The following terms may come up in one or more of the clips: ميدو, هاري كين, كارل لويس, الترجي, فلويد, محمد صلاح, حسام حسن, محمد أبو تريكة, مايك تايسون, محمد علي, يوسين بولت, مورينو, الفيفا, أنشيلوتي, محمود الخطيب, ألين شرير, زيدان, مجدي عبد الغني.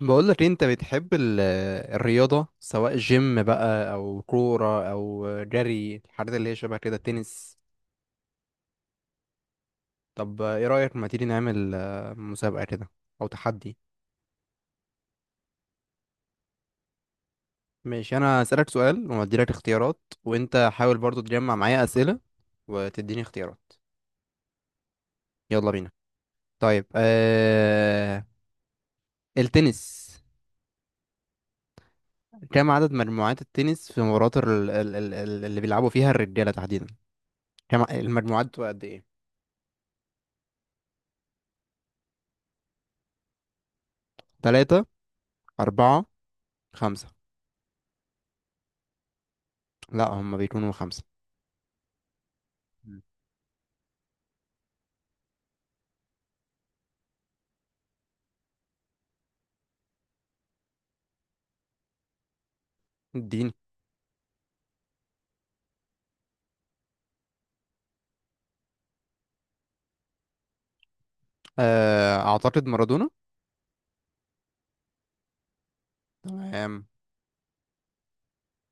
بقولك إيه، انت بتحب الرياضة سواء جيم بقى او كورة او جري الحاجات اللي هي شبه كده تنس. طب ايه رأيك ما تيجي نعمل مسابقة كده او تحدي. ماشي، انا هسألك سؤال واديلك اختيارات وانت حاول برضو تجمع معايا أسئلة وتديني اختيارات. يلا بينا. طيب التنس، كم عدد مجموعات التنس في مباريات اللي بيلعبوا فيها الرجالة تحديدا، كم المجموعات بتبقى قد ايه؟ تلاتة، أربعة، خمسة. لا هم بيكونوا خمسة. مم. الدين. آه أعتقد مارادونا. تمام.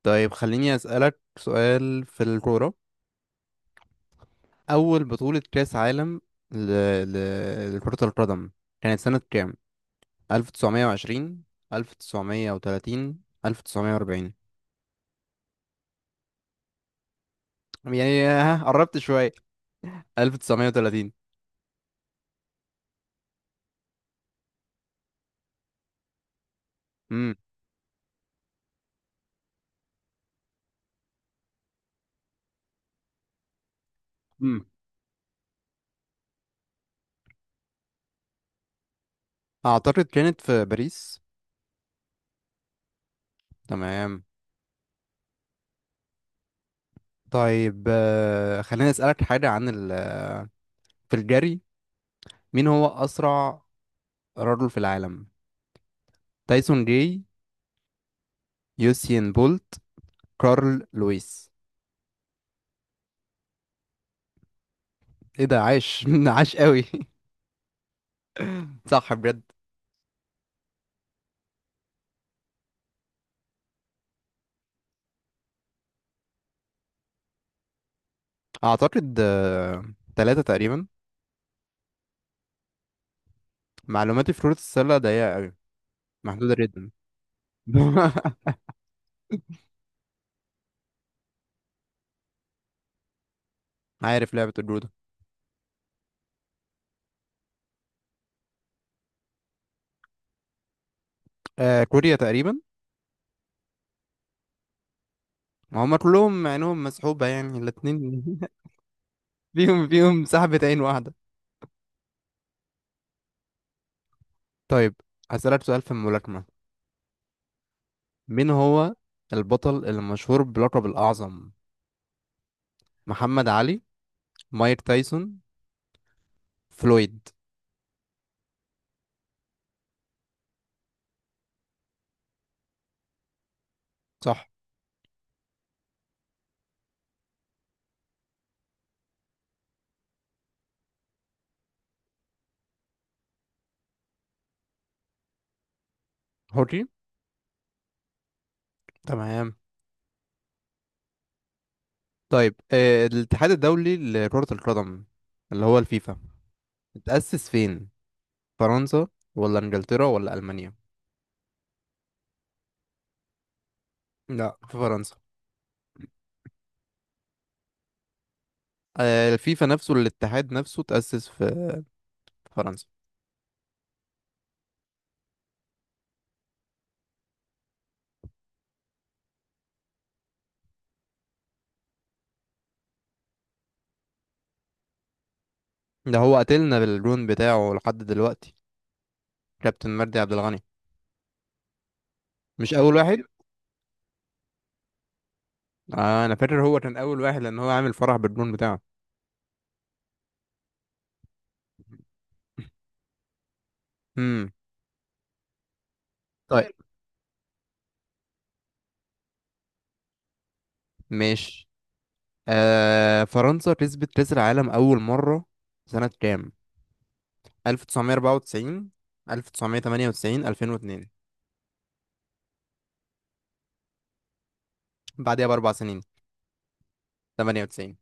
طيب خليني أسألك سؤال في الكورة، أول بطولة كأس عالم ل... لكرة القدم كانت سنة كام؟ 1920، 1930، 1940. يعني ها قربت شوية، 1930. امم مم. أعتقد كانت في باريس. تمام. طيب خليني أسألك حاجة في الجري، مين هو أسرع رجل في العالم؟ تايسون جاي، يوسين بولت، كارل لويس. ايه ده، عاش عاش قوي. صح بجد. اعتقد تلاتة تقريبا. معلوماتي في كرة السلة ضيقة قوي، محدودة جدا. عارف لعبة الجودة. آه كوريا تقريبا. هما كلهم عينهم مسحوبة يعني الاتنين. فيهم سحبة عين واحدة. طيب هسألك سؤال في الملاكمة، مين هو البطل المشهور بلقب الأعظم؟ محمد علي، مايك تايسون، فلويد. صح. حري. تمام. طيب الاتحاد الدولي لكرة القدم اللي هو الفيفا، اتأسس فين؟ فرنسا ولا انجلترا ولا ألمانيا؟ لا، في فرنسا. الفيفا نفسه، الاتحاد نفسه اتأسس في في فرنسا. ده هو قاتلنا بالجون بتاعه لحد دلوقتي، كابتن مجدي عبد الغني. مش أول واحد. آه أنا فاكر هو كان أول واحد لأن هو عامل فرح بالجون بتاعه. امم طيب، ماشي. آه فرنسا كسبت كأس العالم أول مرة سنة كام؟ 1994، 1998، 2002. بعديها بأربع سنين، 98.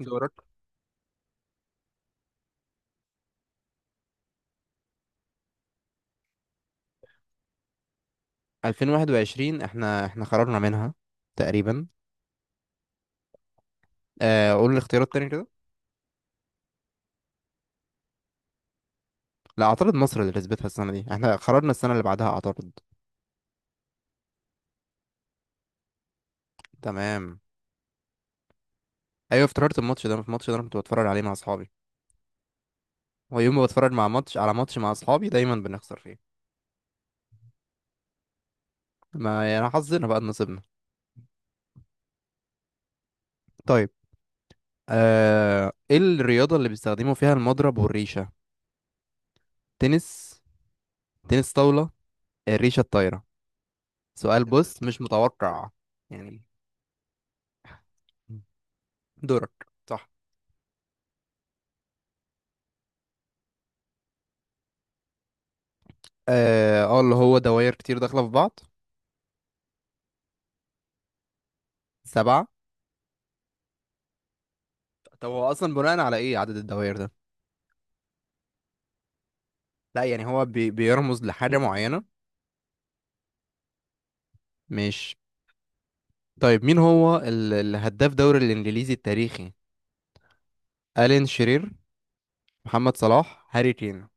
دورك. 2021 احنا احنا خرجنا منها تقريبا. آه قول الاختيارات تاني كده. لا اعترض، مصر اللي كسبتها السنة دي، احنا خرجنا السنة اللي بعدها. اعترض. تمام. ايوه افتكرت الماتش ده، الماتش ده انا كنت بتفرج عليه مع اصحابي، ويوم ما بتفرج مع ماتش على ماتش مع اصحابي دايما بنخسر فيه. ما يعني حظنا بقى إن نصيبنا. طيب آه ايه الرياضة اللي بيستخدموا فيها المضرب والريشة؟ تنس، تنس طاولة، الريشة الطايرة. سؤال بص مش متوقع. يعني، دورك. صح. اه اللي هو دوائر كتير داخلة في بعض. سبعة. طب هو أصلا بناء على إيه عدد الدوائر ده؟ لا يعني هو بيرمز لحاجة معينة. مش. طيب مين هو الهداف دوري الإنجليزي التاريخي؟ ألين شرير، محمد صلاح، هاري كين.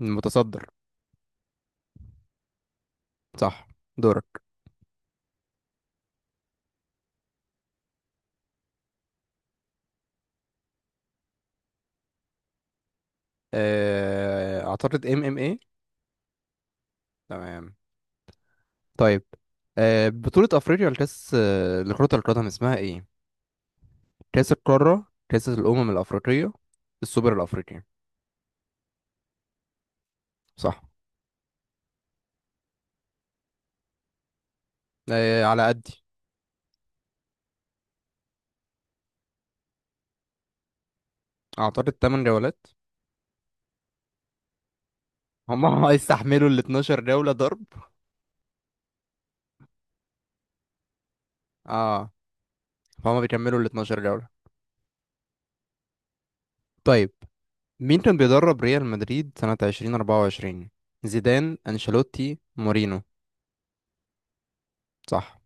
المتصدر. صح. دورك. أعتقد ام ام ايه. تمام. طيب، بطولة أفريقيا لكأس لكرة القدم اسمها إيه؟ كأس القارة، كأس الأمم الأفريقية، السوبر الأفريقي. صح. آه على قدي. أعتقد 8 جولات. هم هيستحملوا ال 12 جولة ضرب. اه، فهم بيكملوا ال 12 جولة. طيب مين كان بيدرب ريال مدريد سنة 2024؟ زيدان، أنشيلوتي، مورينو. صح.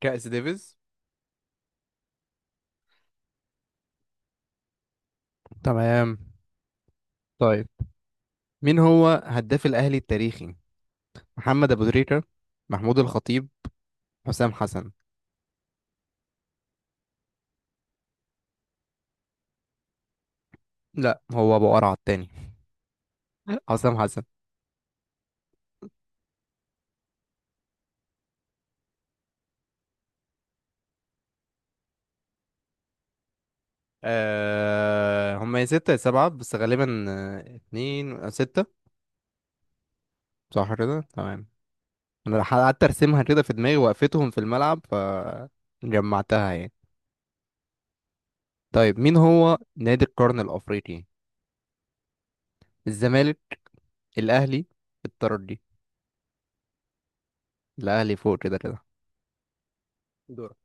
كأس ديفيز. تمام. طيب مين هو هداف الأهلي التاريخي؟ محمد أبو تريكة، محمود الخطيب، حسام حسن. لا هو أبو قرعة التاني. حسام حسن. أه هم يا ستة يا سبعة، بس غالبا اتنين أو ستة. صح كده تمام. أنا قعدت أرسمها كده في دماغي، وقفتهم في الملعب فجمعتها يعني. طيب مين هو نادي القرن الأفريقي؟ الزمالك، الأهلي، الترجي. الأهلي فوق كده كده. دورك.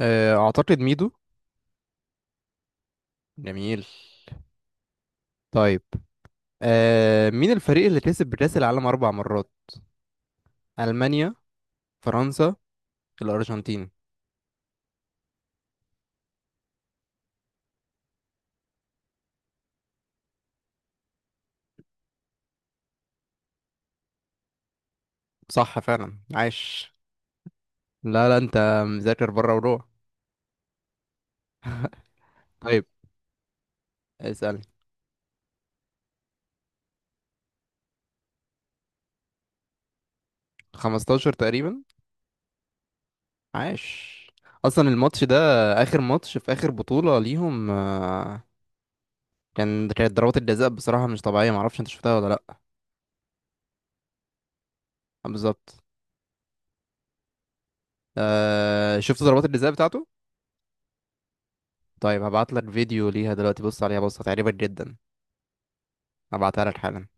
أه أعتقد ميدو. جميل. طيب، أه مين الفريق اللي كسب كأس العالم أربع مرات؟ ألمانيا، فرنسا، الأرجنتين. صح فعلا، عاش. لا لا انت مذاكر بره وروح. طيب اسأل. 15 تقريبا. عاش. اصلا الماتش ده، اخر ماتش في اخر بطولة ليهم كان، كانت ضربات الجزاء بصراحة مش طبيعية، معرفش انت شفتها ولا لا. بالظبط. شفت ضربات الجزاء بتاعته. طيب هبعت لك فيديو ليها دلوقتي، بص عليها بص هتعجبك جدا. هبعتها لك حالا.